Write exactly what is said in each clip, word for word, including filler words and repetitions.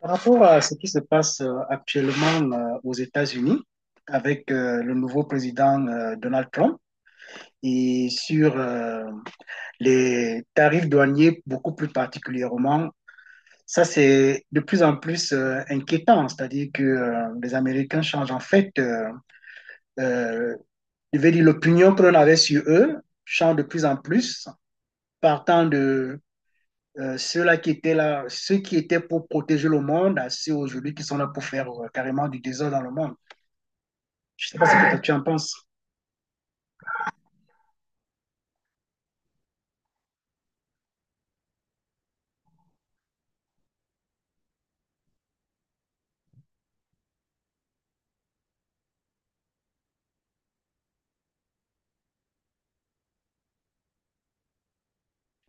Par rapport à ce qui se passe euh, actuellement euh, aux États-Unis avec euh, le nouveau président euh, Donald Trump et sur euh, les tarifs douaniers beaucoup plus particulièrement, ça c'est de plus en plus euh, inquiétant, c'est-à-dire que euh, les Américains changent en fait, euh, euh, je vais dire l'opinion que l'on avait sur eux change de plus en plus, partant de Euh, ceux-là qui étaient là, ceux qui étaient pour protéger le monde, à ceux aujourd'hui qui sont là pour faire euh, carrément du désordre dans le monde. Je ne sais pas ce que toi, tu en penses.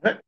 Ouais.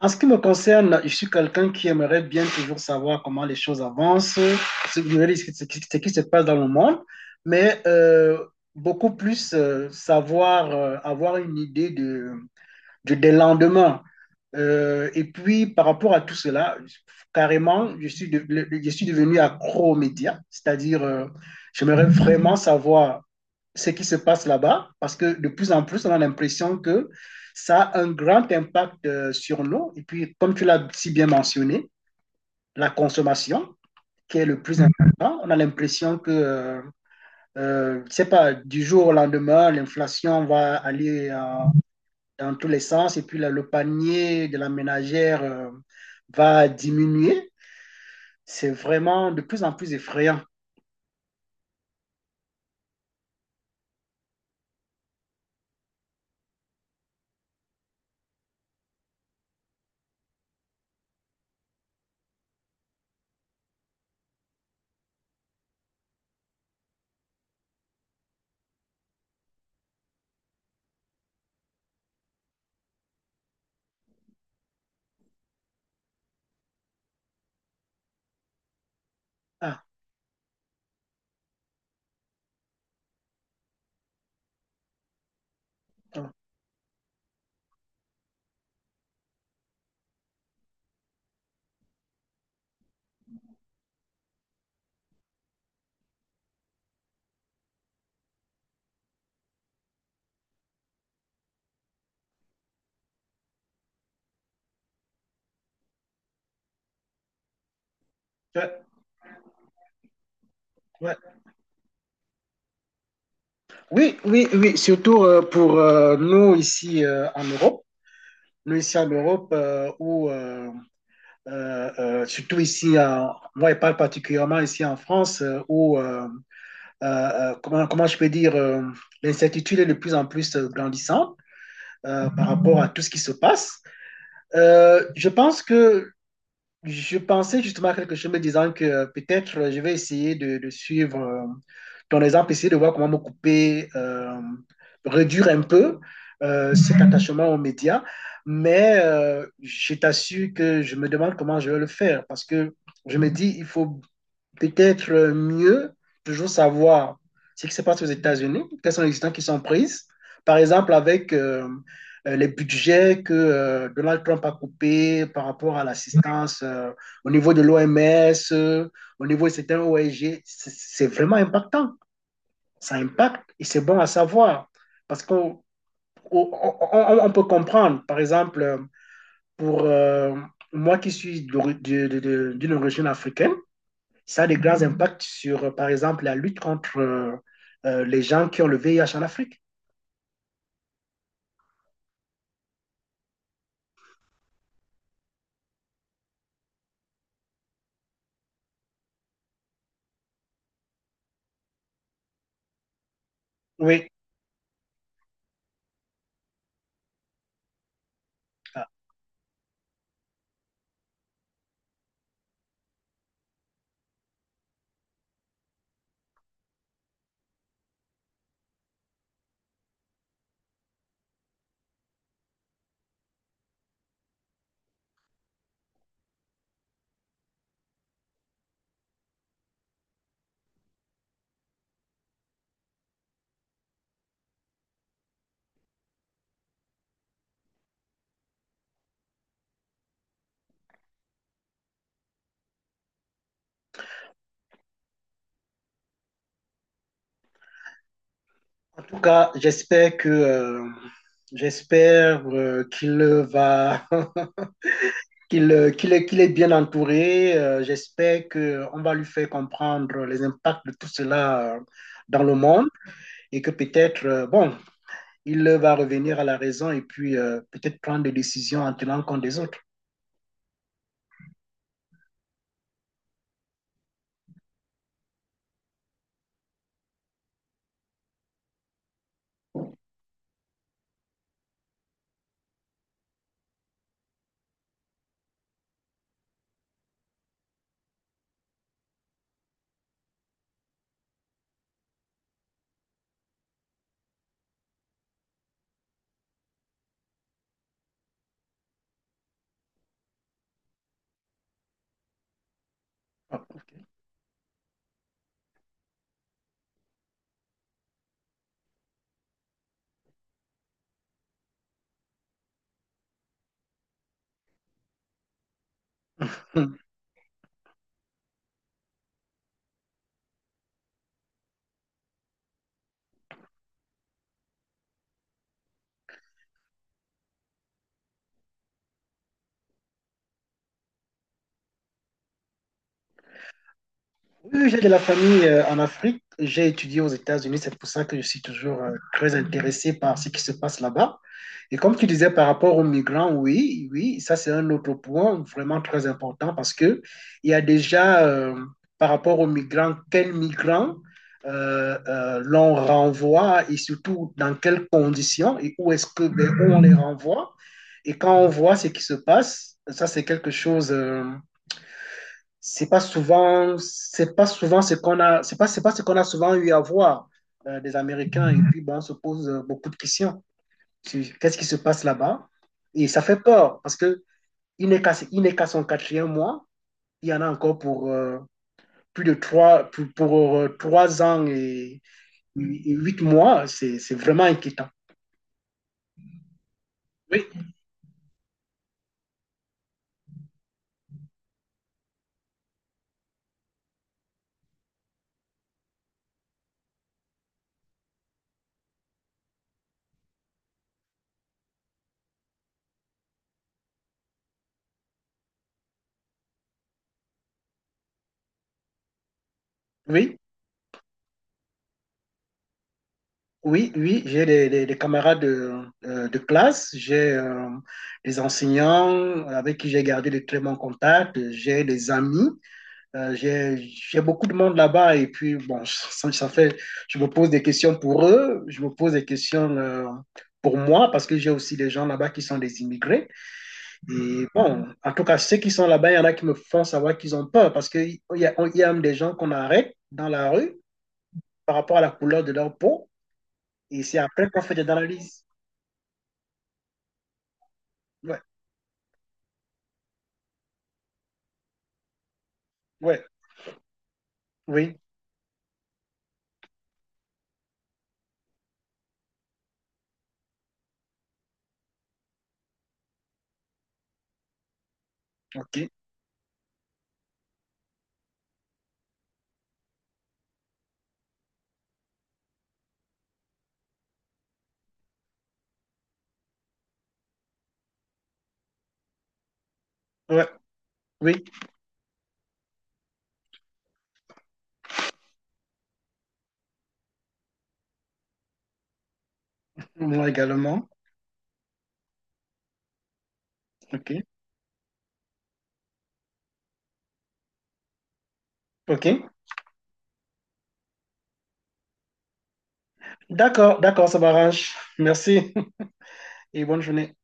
En ce qui me concerne, je suis quelqu'un qui aimerait bien toujours savoir comment les choses avancent, ce, ce qui ce qui se passe dans le monde, mais euh, beaucoup plus euh, savoir, euh, avoir une idée de du, des lendemains. Euh, et puis, par rapport à tout cela, carrément, je suis, de- je suis devenu accro aux médias, c'est-à-dire, euh, j'aimerais vraiment savoir ce qui se passe là-bas, parce que de plus en plus, on a l'impression que ça a un grand impact euh, sur nous. Et puis, comme tu l'as si bien mentionné, la consommation, qui est le plus important, on a l'impression que, euh, euh, je ne sais pas, du jour au lendemain, l'inflation va aller en dans tous les sens. Et puis là, le panier de la ménagère euh, va diminuer. C'est vraiment de plus en plus effrayant. Ah. Oh, ouais, ouais. Oui, oui, oui, surtout euh, pour euh, nous ici euh, en Europe. Nous ici en Europe, euh, où, euh, euh, euh, surtout ici, en- moi je parle particulièrement ici en France, euh, où, euh, euh, euh, comment, comment je peux dire, euh, l'incertitude est de plus en plus euh, grandissante euh, par rapport à tout ce qui se passe. Euh, je pense que Je pensais justement à quelque chose me disant que euh, peut-être euh, je vais essayer de, de suivre euh, ton exemple, essayer de voir comment me couper, euh, réduire un peu euh, cet attachement aux médias. Mais euh, je t'assure que je me demande comment je vais le faire parce que je me dis, il faut peut-être euh, mieux toujours savoir ce qui se passe aux États-Unis, quelles sont les décisions qui sont prises. Par exemple, avec euh, euh, les budgets que euh, Donald Trump a coupés par rapport à l'assistance euh, au niveau de l'O M S, euh, au niveau de certains O N G, G, c'est vraiment impactant. Ça impacte et c'est bon à savoir parce qu'on on, on- on peut comprendre. Par exemple, euh, pour euh, moi qui suis d'une origine africaine, ça a de grands impacts sur, euh, par exemple, la lutte contre euh, euh, les gens qui ont le V I H en Afrique. Oui. En tout cas, j'espère que euh, j'espère euh, qu'il va... qu'il euh, qu'il qu'il est bien entouré. Euh, j'espère que on va lui faire comprendre les impacts de tout cela euh, dans le monde et que peut-être euh, bon, il va revenir à la raison et puis euh, peut-être prendre des décisions en tenant compte des autres. Ah, ok. Oui, oui, j'ai de la famille euh, en Afrique. J'ai étudié aux États-Unis. C'est pour ça que je suis toujours euh, très intéressé par ce qui se passe là-bas. Et comme tu disais par rapport aux migrants, oui, oui, ça c'est un autre point vraiment très important parce que il y a déjà euh, par rapport aux migrants, quels migrants euh, euh, l'on renvoie et surtout dans quelles conditions et où est-ce que vers où on les renvoie. Et quand on voit ce qui se passe, ça c'est quelque chose. Euh, c'est pas souvent, c'est pas souvent ce qu'on a, c'est pas, c'est pas ce qu'on a souvent eu à voir euh, des Américains. Et puis, bon, on se pose euh, beaucoup de questions sur qu'est-ce qui se passe là-bas. Et ça fait peur parce que il n'est qu'à, il n'est qu'à son quatrième mois. Il y en a encore pour euh, plus de trois, pour, pour, euh, trois ans et, et huit mois. C'est, c'est vraiment inquiétant. Oui, oui. Oui, oui, j'ai des, des- des camarades de, euh, de classe, j'ai euh, des enseignants avec qui j'ai gardé de très bons contacts, j'ai des amis, euh, j'ai, j'ai beaucoup de monde là-bas et puis bon, ça, ça fait, je me pose des questions pour eux, je me pose des questions euh, pour moi parce que j'ai aussi des gens là-bas qui sont des immigrés et bon, en tout cas ceux qui sont là-bas, il y en a qui me font savoir qu'ils ont peur parce qu'il y a, il y a même des gens qu'on arrête dans la rue par rapport à la couleur de leur peau et c'est après qu'on fait des analyses. Ouais, ouais, oui, ok, ouais, oui, moi également, ok, ok. D'accord, d'accord, ça m'arrange. Merci. Et bonne journée.